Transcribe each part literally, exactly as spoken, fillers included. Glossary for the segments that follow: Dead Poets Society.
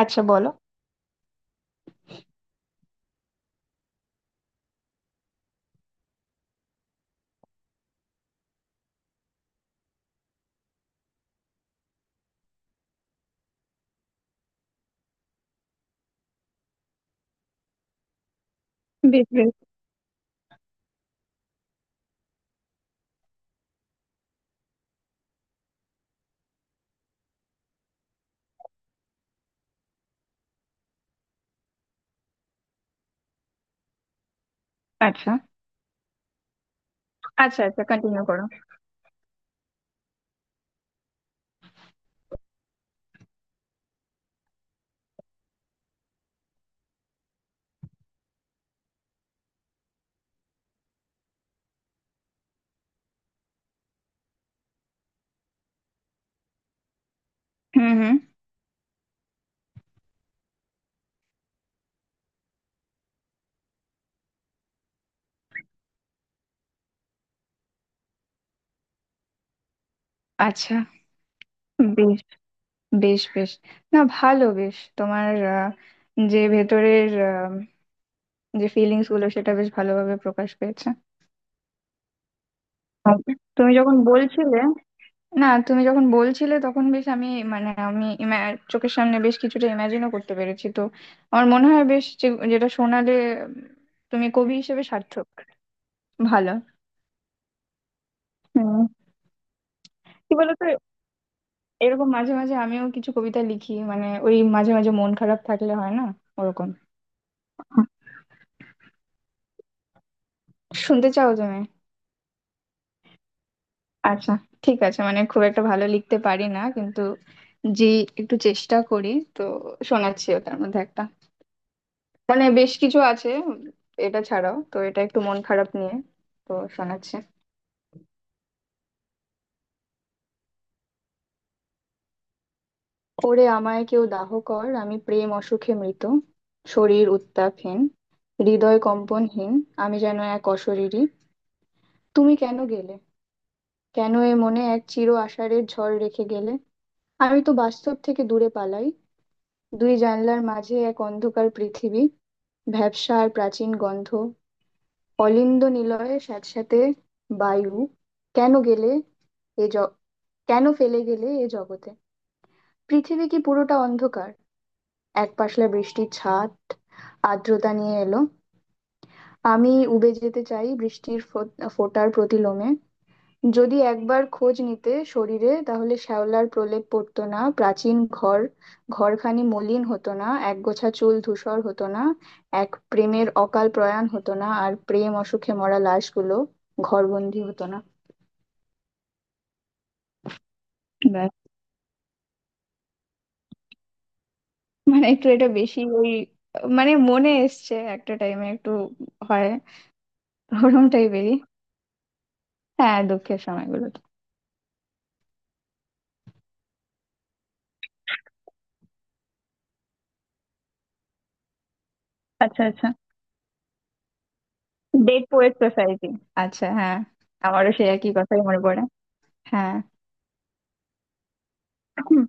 আচ্ছা, বলো। বেশ, বেশ। আচ্ছা, আচ্ছা, আচ্ছা, কন্টিনিউ করো। হুম, হুম। আচ্ছা। বেশ, বেশ, বেশ। না, ভালো। বেশ, তোমার আহ, যে ভেতরের, আহ, যে ফিলিংস গুলো সেটা বেশ ভালোভাবে প্রকাশ পেয়েছে। আর তুমি যখন বলছিলে, না তুমি যখন বলছিলে তখন বেশ আমি, মানে আমি ima- চোখের সামনে বেশ কিছুটা ইমাজিনও করতে পেরেছি তো। আমার মনে হয় বেশ যে- যেটা শোনালে, উম, তুমি কবি হিসেবে সার্থক। ভালো। হুম। কি বলতো, এরকম মাঝে মাঝে আমিও কিছু কবিতা লিখি, মানে ওই মাঝে মাঝে মন খারাপ থাকলে হয় না ওরকম। হুম। শুনতে চাও তুমি? আচ্ছা। ঠিক আছে, মানে খুব একটা ভালো লিখতে পারি না, কিন্তু যে একটু চেষ্টা করি। তো শোনাচ্ছি, ওটার মধ্যে একটা, মানে বেশ কিছু আছে এটা ছাড়াও। তো এটা একটু মন খারাপ নিয়ে, তো শোনাচ্ছে। ওরে আমায় কেউ দাহ কর, আমি প্রেম অসুখে মৃত। শরীর উত্তাপহীন, হৃদয় কম্পনহীন, আমি যেন এক অশরীরী। তুমি কেন গেলে, কেন এ মনে এক চির আষাঢ়ের ঝড় রেখে গেলে? আমি তো বাস্তব থেকে দূরে পালাই। দুই জানলার মাঝে এক অন্ধকার পৃথিবী, ভ্যাপসা আর প্রাচীন গন্ধ, অলিন্দ নিলয়ে স্যাঁতস্যাঁতে বায়ু। কেন গেলে এ, কেন ফেলে গেলে এ জগতে? পৃথিবী কি পুরোটা অন্ধকার? এক পাশলা বৃষ্টির ছাট আর্দ্রতা নিয়ে এলো। আমি উবে যেতে চাই বৃষ্টির ফো- ফোঁটার প্রতিলোমে। যদি একবার খোঁজ নিতে শরীরে, তাহলে শ্যাওলার প্রলেপ পড়তো না, প্রাচীন ঘর ঘরখানি মলিন হতো না, একগোছা চুল ধূসর হতো না, এক প্রেমের অকাল প্রয়াণ হতো না, আর প্রেম অসুখে মরা লাশগুলো ঘরবন্দি হতো না। ব্যাস। মানে একটু এটা বেশি ওই, মানে মনে এসছে একটা টাইমে, একটু হয় ওরম টাইপেরই। হ্যাঁ, দুঃখের সময়গুলোতে। আচ্ছা, আচ্ছা। Dead poet society. আচ্ছা, হ্যাঁ। আমারও সেই একই কথাই মনে পড়ে। হ্যাঁ। হুম,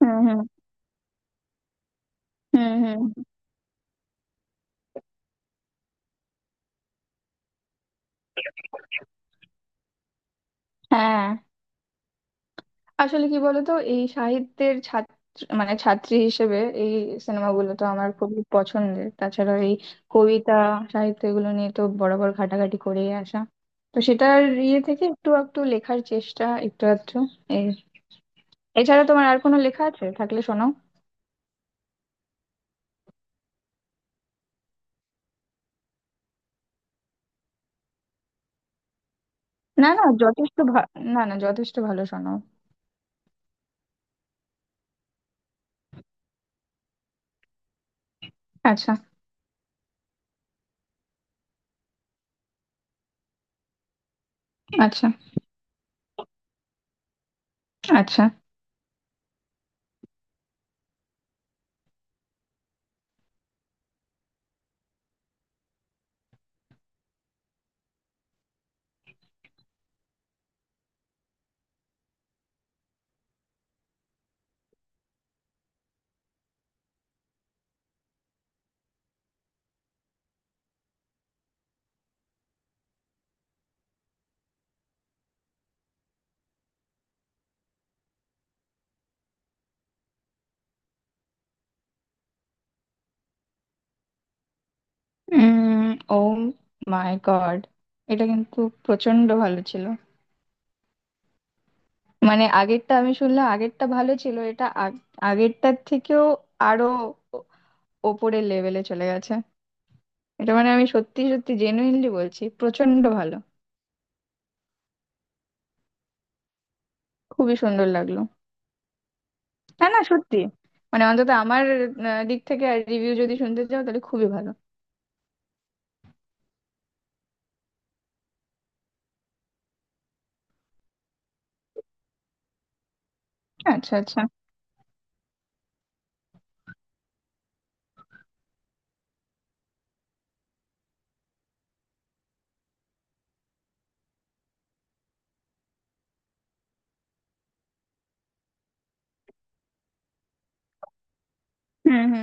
হুম। হুম, হুম। হুম। হ্যাঁ। আসলে কি বলতো, এই সাহিত্যের ছাত্র, মানে ছাত্রী হিসেবে এই সিনেমাগুলো তো আমার খুবই পছন্দের। তাছাড়া এই কবিতা, সাহিত্য, এগুলো নিয়ে তো বরাবর ঘাটাঘাটি করেই আসা। তো সেটার ইয়ে থেকে একটু একটু লেখার চেষ্টা, একটু আধটু এই। এছাড়া তোমার আর কোনো লেখা আছে? থাকলে শোনাও। না না, যথেষ্ট ভা- না না, যথেষ্ট ভালো, শোনাও। আচ্ছা, আচ্ছা, আচ্ছা। উম ও মাই গড, এটা কিন্তু প্রচন্ড ভালো ছিল। মানে আগেরটা আমি শুনলাম, আগেরটা ভালো ছিল, এটা আগ- আগেরটার থেকেও আরো ও- ওপরের লেভেলে চলে গেছে। এটা মানে আমি সত্যি সত্যি জেনুইনলি বলছি, প্রচন্ড ভালো। খুবই সুন্দর লাগলো। না না সত্যি, মানে অন্তত আমার আহ, দিক থেকে, আর রিভিউ যদি শুনতে চাও, তাহলে খুবই ভালো। আচ্ছা, আচ্ছা। হুম, হুম।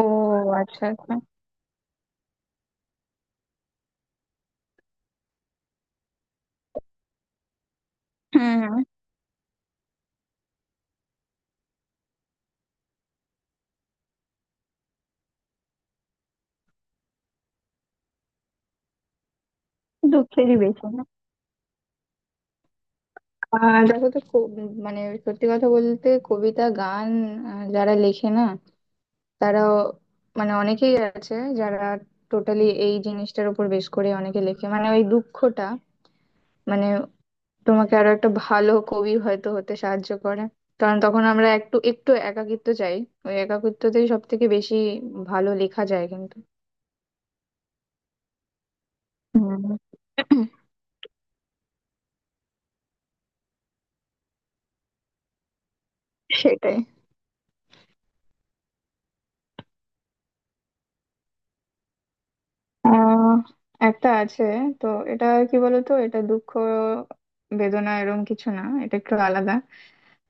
ও, আচ্ছা, আচ্ছা। হুম, হুম। দুঃখেরই বেশি না? আহ, দেখো তো, খুব মানে, সত্যি কথা বলতে কবিতা, গান আহ, যারা লেখে না, তারাও, মানে অনেকেই আছে যারা টোটালি এই জিনিসটার উপর বেশ করে অনেকে লেখে, মানে ওই দুঃখটা, মানে তোমাকে আরো একটা ভালো কবি হয়তো হতে সাহায্য করে। কারণ তখন আমরা একটু একটু একাকিত্ব চাই। ওই একাকিত্বতেই সব থেকে বেশি ভালো লেখা যায় কিন্তু। হুম, সেটাই। আহ একটা আছে। তো এটা, কি বলতো, এটা দুঃখ বেদনা এরকম কিছু না, এটা একটু আলাদা।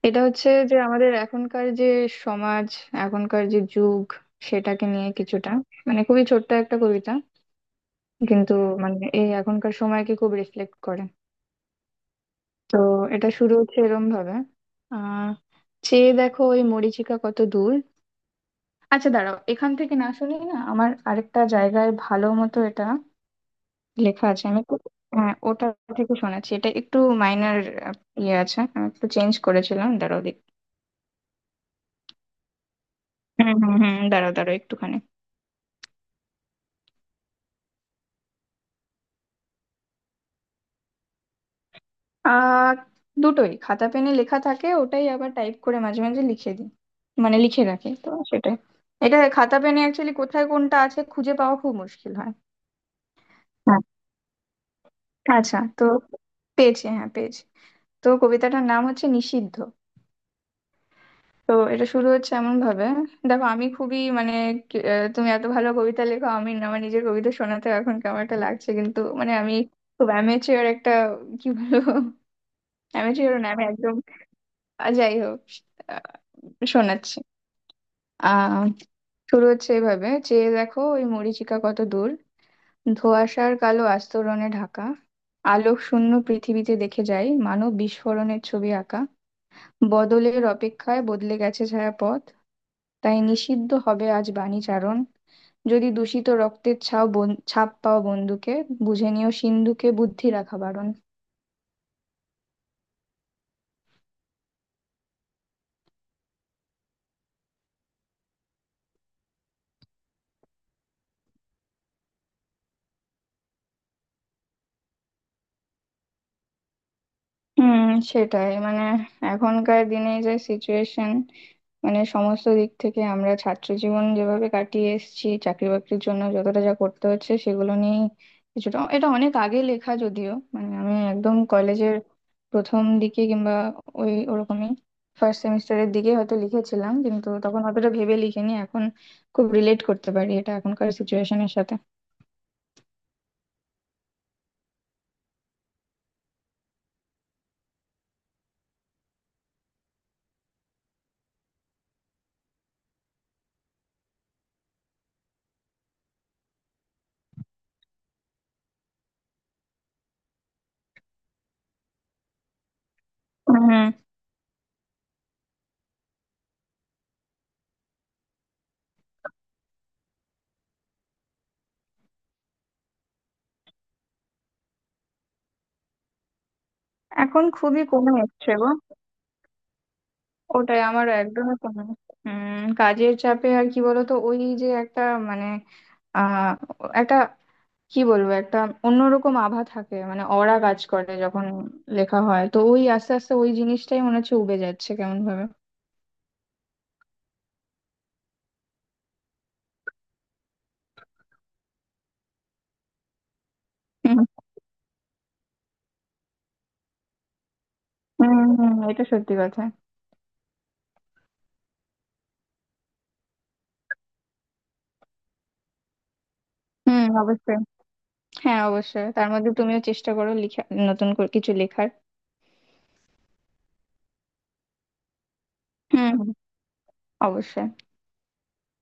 এটা হচ্ছে যে আমাদের এখনকার যে সমাজ, এখনকার যে যুগ, সেটাকে নিয়ে কিছুটা, মানে খুবই ছোট্ট একটা কবিতা, কিন্তু মানে এই এখনকার সময়কে খুব রিফ্লেক্ট করে। তো এটা শুরু হচ্ছে এরম ভাবে, আহ চেয়ে দেখো ওই মরীচিকা কত দূর। আচ্ছা দাঁড়াও, এখান থেকে না, শুনি না আমার আরেকটা জায়গায় ভালো মতো এটা লেখা আছে, আমি একটু। হ্যাঁ, ওটা থেকে শোনাচ্ছি, এটা একটু মাইনার ইয়ে আছে, আমি একটু চেঞ্জ করেছিলাম, দাঁড়াও দেখ। হুম হুম হুম, দাঁড়াও দাঁড়াও একটুখানি। আহ দুটোই, খাতা পেনে লেখা থাকে ওটাই, আবার টাইপ করে মাঝে মাঝে লিখে দিই, মানে লিখে রাখি, তো সেটাই। এটা খাতা পেনে অ্যাকচুয়ালি কোথায় কোনটা আছে খুঁজে পাওয়া খুব মুশকিল হয়। হ্যাঁ। আচ্ছা তো, পেয়েছি, হ্যাঁ পেয়েছি। তো কবিতাটার নাম হচ্ছে নিষিদ্ধ। তো এটা শুরু হচ্ছে এমন ভাবে। দেখো, আমি খুবই মানে, কি- আহ, তুমি এত ভালো কবিতা লেখো, আমি না- আমার নিজের কবিতা শোনাতে এখন কেমন একটা লাগছে, কিন্তু মানে আমি খুব অ্যামেচিওর একটা, কি বলবো অ্যামেচিওর না, আমি একদম। আহ, যাই হোক, আহ, শোনাচ্ছি। আহ শুরু হচ্ছে এভাবে। চেয়ে দেখো ওই মরীচিকা কত দূর, ধোঁয়াশার কালো আস্তরণে ঢাকা। আলোক শূন্য পৃথিবীতে দেখে যাই মানব বিস্ফোরণের ছবি আঁকা। বদলের অপেক্ষায় বদলে গেছে ছায়াপথ, তাই নিষিদ্ধ হবে আজ বাণী চারণ। যদি দূষিত রক্তের ছাপ বন- ছাপ পাও বন্দুকে, বুঝে নিও সিন্ধুকে বুদ্ধি রাখা বারণ। হুম, সেটাই। মানে এখনকার দিনে যে সিচুয়েশন, মানে সমস্ত দিক থেকে আমরা ছাত্র জীবন যেভাবে কাটিয়ে এসেছি, চাকরি বাকরির জন্য যতটা যা করতে হচ্ছে, সেগুলো নিয়ে কিছুটা। এটা অনেক আগে লেখা যদিও, মানে আমি একদম কলেজের প্রথম দিকে কিংবা ওই ওরকমই ফার্স্ট সেমিস্টারের দিকে হয়তো লিখেছিলাম, কিন্তু তখন অতটা ভেবে লিখিনি। এখন খুব রিলেট করতে পারি এটা এখনকার সিচুয়েশনের সাথে। হুম। এখন খুবই কমে এসছে গো। ওটাই, আমারও একদমই কমে না। উম কাজের চাপে, আর কি বলতো, ওই যে একটা, মানে, আহ একটা, কি বলবো, একটা অন্যরকম আভা থাকে, মানে অরা কাজ করে যখন লেখা হয়। তো ওই আস্তে আস্তে ওই জিনিসটাই মনে হচ্ছে উবে যাচ্ছে কেমন ভাবে। হুম হুম হুম, এটা সত্যি কথা। হুম, অবশ্যই। হ্যাঁ অবশ্যই, তার মধ্যে তুমিও চেষ্টা করো লিখা, নতুন করে কিছু লেখার। হুম, হুম, অবশ্যই।